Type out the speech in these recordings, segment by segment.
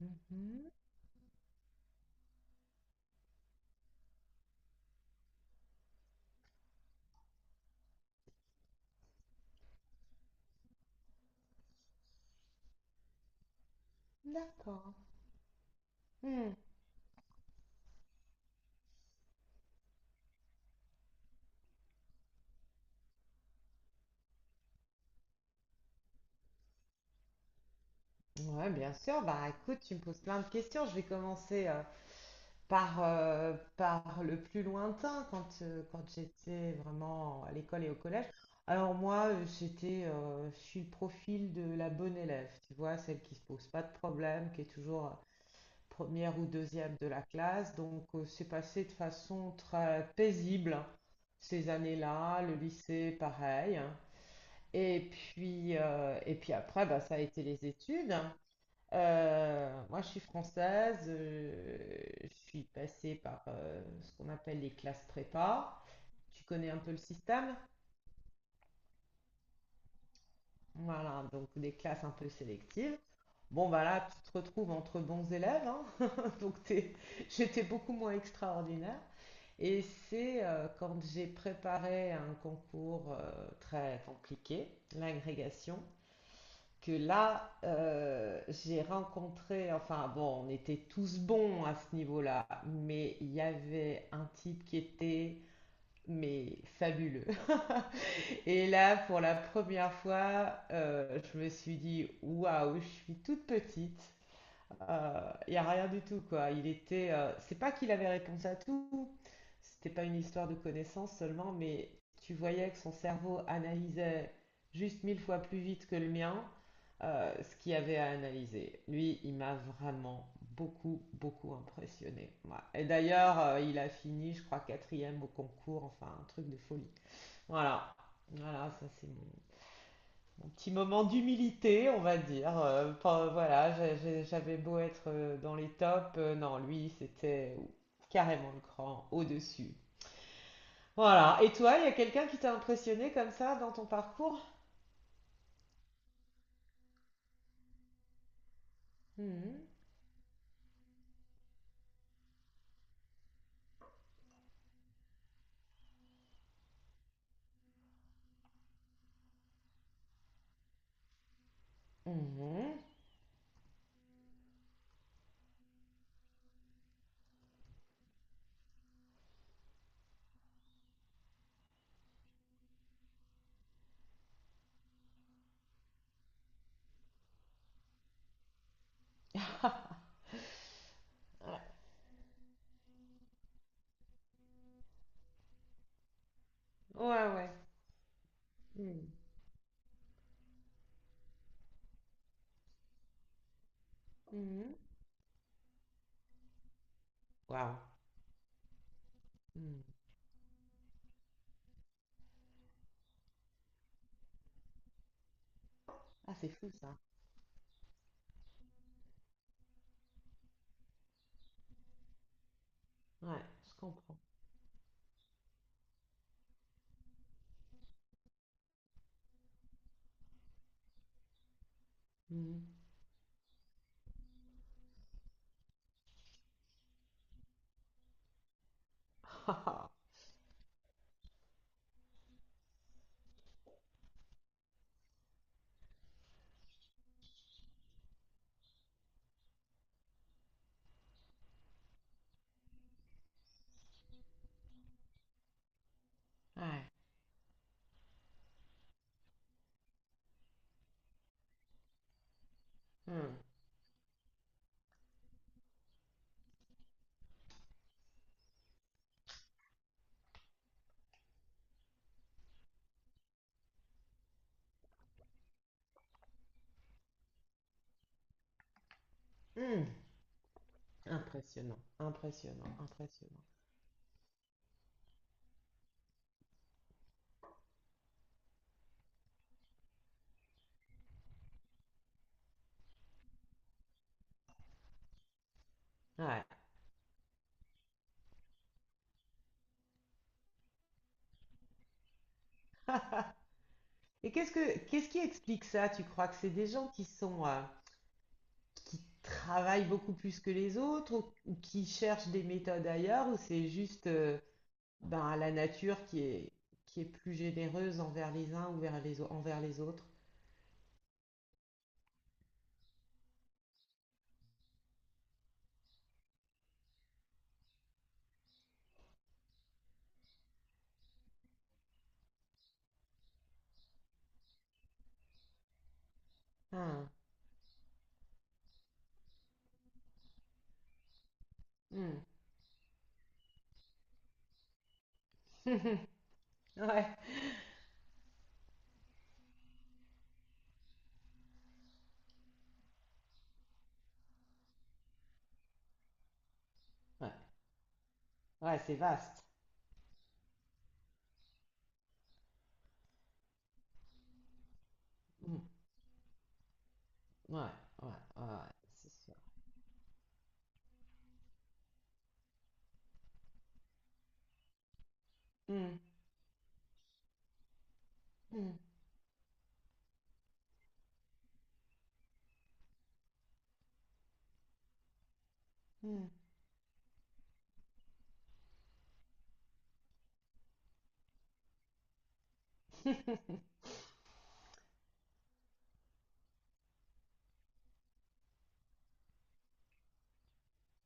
Mhm. D'accord. Hmm. Ouais, bien sûr. Bah, écoute, tu me poses plein de questions. Je vais commencer par, par le plus lointain, quand, quand j'étais vraiment à l'école et au collège. Alors moi, j'étais, je suis le profil de la bonne élève, tu vois, celle qui se pose pas de problème, qui est toujours première ou deuxième de la classe. Donc, c'est passé de façon très paisible ces années-là, le lycée, pareil, hein. Et puis après, bah, ça a été les études. Moi, je suis française, je suis passée par ce qu'on appelle les classes prépa. Tu connais un peu le système? Voilà, donc des classes un peu sélectives. Bon, bah là, tu te retrouves entre bons élèves, hein. donc t'es- J'étais beaucoup moins extraordinaire. Et c'est quand j'ai préparé un concours très compliqué, l'agrégation. Que là, j'ai rencontré, enfin bon, on était tous bons à ce niveau-là, mais il y avait un type qui était, mais fabuleux. Et là, pour la première fois, je me suis dit, waouh, je suis toute petite, il n'y a rien du tout, quoi. Il était, c'est pas qu'il avait réponse à tout, c'était pas une histoire de connaissance seulement, mais tu voyais que son cerveau analysait juste mille fois plus vite que le mien, ce qu'il y avait à analyser. Lui, il m'a vraiment beaucoup, beaucoup impressionné. Voilà. Et d'ailleurs, il a fini, je crois, quatrième au concours, enfin, un truc de folie. Voilà. Voilà, ça c'est mon, un petit moment d'humilité, on va dire. Voilà, j'avais beau être dans les tops, euh non, lui, c'était carrément le cran au-dessus. Voilà. Et toi, il y a quelqu'un qui t'a impressionné comme ça dans ton parcours? Mhm. Mhm. Ouais, ouais, ouais. Mhm. Mhm. Waouh. Mhm. Ah, c'est fou ça. Ouais, je comprends. Mhm. Ouais. Mhm. Mhm. Impressionnant, impressionnant, impressionnant. Ouais. Et qu'est-ce qui explique ça? Tu crois que c'est des gens qui sont qui travaillent beaucoup plus que les autres ou qui cherchent des méthodes ailleurs ou c'est juste ben, la nature qui est plus généreuse envers les uns ou vers les au- envers les autres? Ah, hmm. Ouais, ouais, ouais, c'est vaste. Hmm. Ouais, ouais, ouais, ouais, c'est sûr. Hmm, hmm, hmm.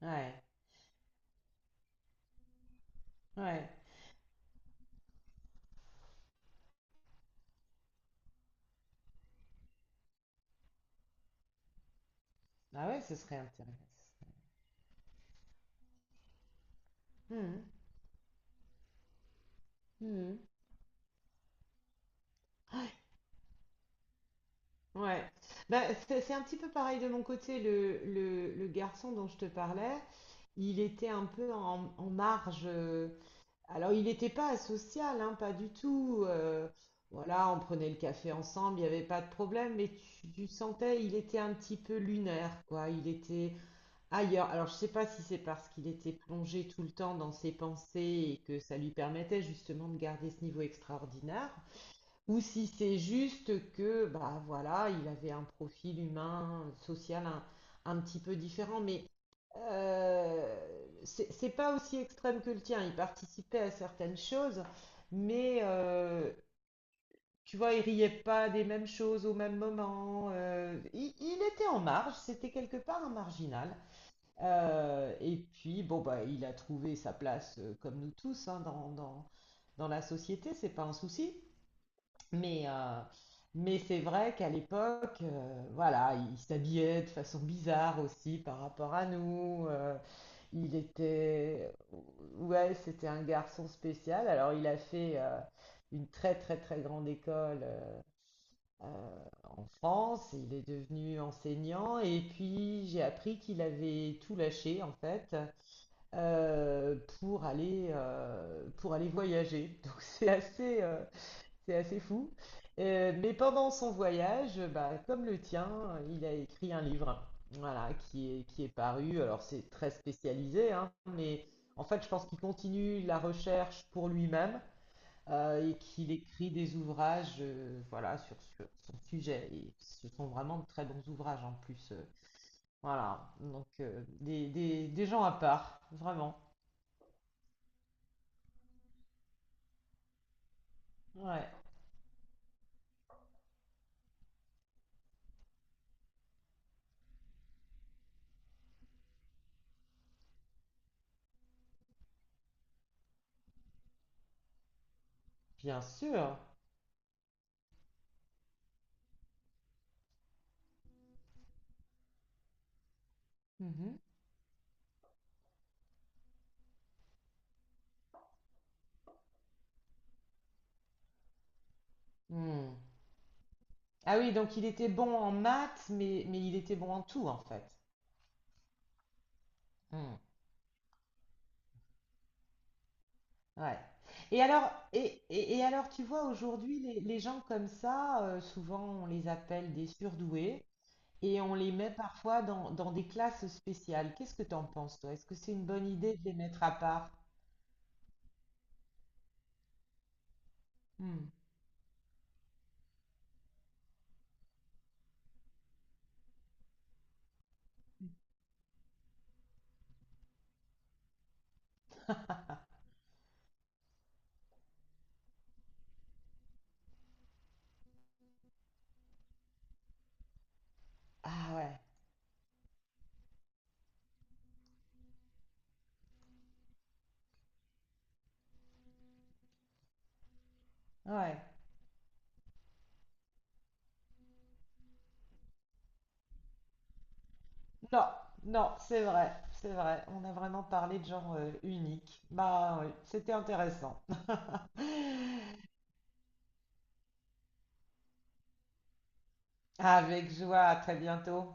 Ouais, ouais. Ah ouais, ce serait intéressant. Hmm, hmm. Ah, ouais, bah, c'est un petit peu pareil de mon côté. Le garçon dont je te parlais, il était un peu en, en marge. Alors, il n'était pas asocial, hein, pas du tout. Voilà, on prenait le café ensemble, il n'y avait pas de problème, mais tu sentais, il était un petit peu lunaire, quoi. Il était ailleurs. Alors, je ne sais pas si c'est parce qu'il était plongé tout le temps dans ses pensées et que ça lui permettait justement de garder ce niveau extraordinaire. Ou si c'est juste que, bah voilà, il avait un profil humain, social un petit peu différent, mais c'est pas aussi extrême que le tien. Il participait à certaines choses, mais tu vois, il riait pas des mêmes choses au même moment. Il était en marge, c'était quelque part un marginal. Et puis, bon, bah, il a trouvé sa place, comme nous tous, hein, dans la société, c'est pas un souci. Mais, euh, mais c'est vrai qu'à l'époque, voilà, il s'habillait de façon bizarre aussi par rapport à nous. Il était, ouais, c'était un garçon spécial. Alors il a fait une très très très grande école euh, en France. Il est devenu enseignant et puis j'ai appris qu'il avait tout lâché en fait, pour aller voyager. Donc c'est assez fou. Mais pendant son voyage, bah, comme le tien, il a écrit un livre, voilà, qui est paru. Alors c'est très spécialisé, hein, mais en fait, je pense qu'il continue la recherche pour lui-même, et qu'il écrit des ouvrages, voilà, sur son sujet. Et ce sont vraiment de très bons ouvrages en plus. Voilà, donc des gens à part, vraiment. Ouais, bien sûr. Mhm. Hmm. Ah oui, donc il était bon en maths, mais il était bon en tout, en fait. Hmm, ouais. Et alors, alors, tu vois, aujourd'hui, les gens comme ça, souvent, on les appelle des surdoués et on les met parfois dans des classes spéciales. Qu'est-ce que tu en penses, toi? Est-ce que c'est une bonne idée de les mettre à part? Hmm. Ah ouais, ouais. Non, non, c'est vrai, c'est vrai. On a vraiment parlé de genre unique. Bah oui, c'était intéressant. Avec joie, à très bientôt.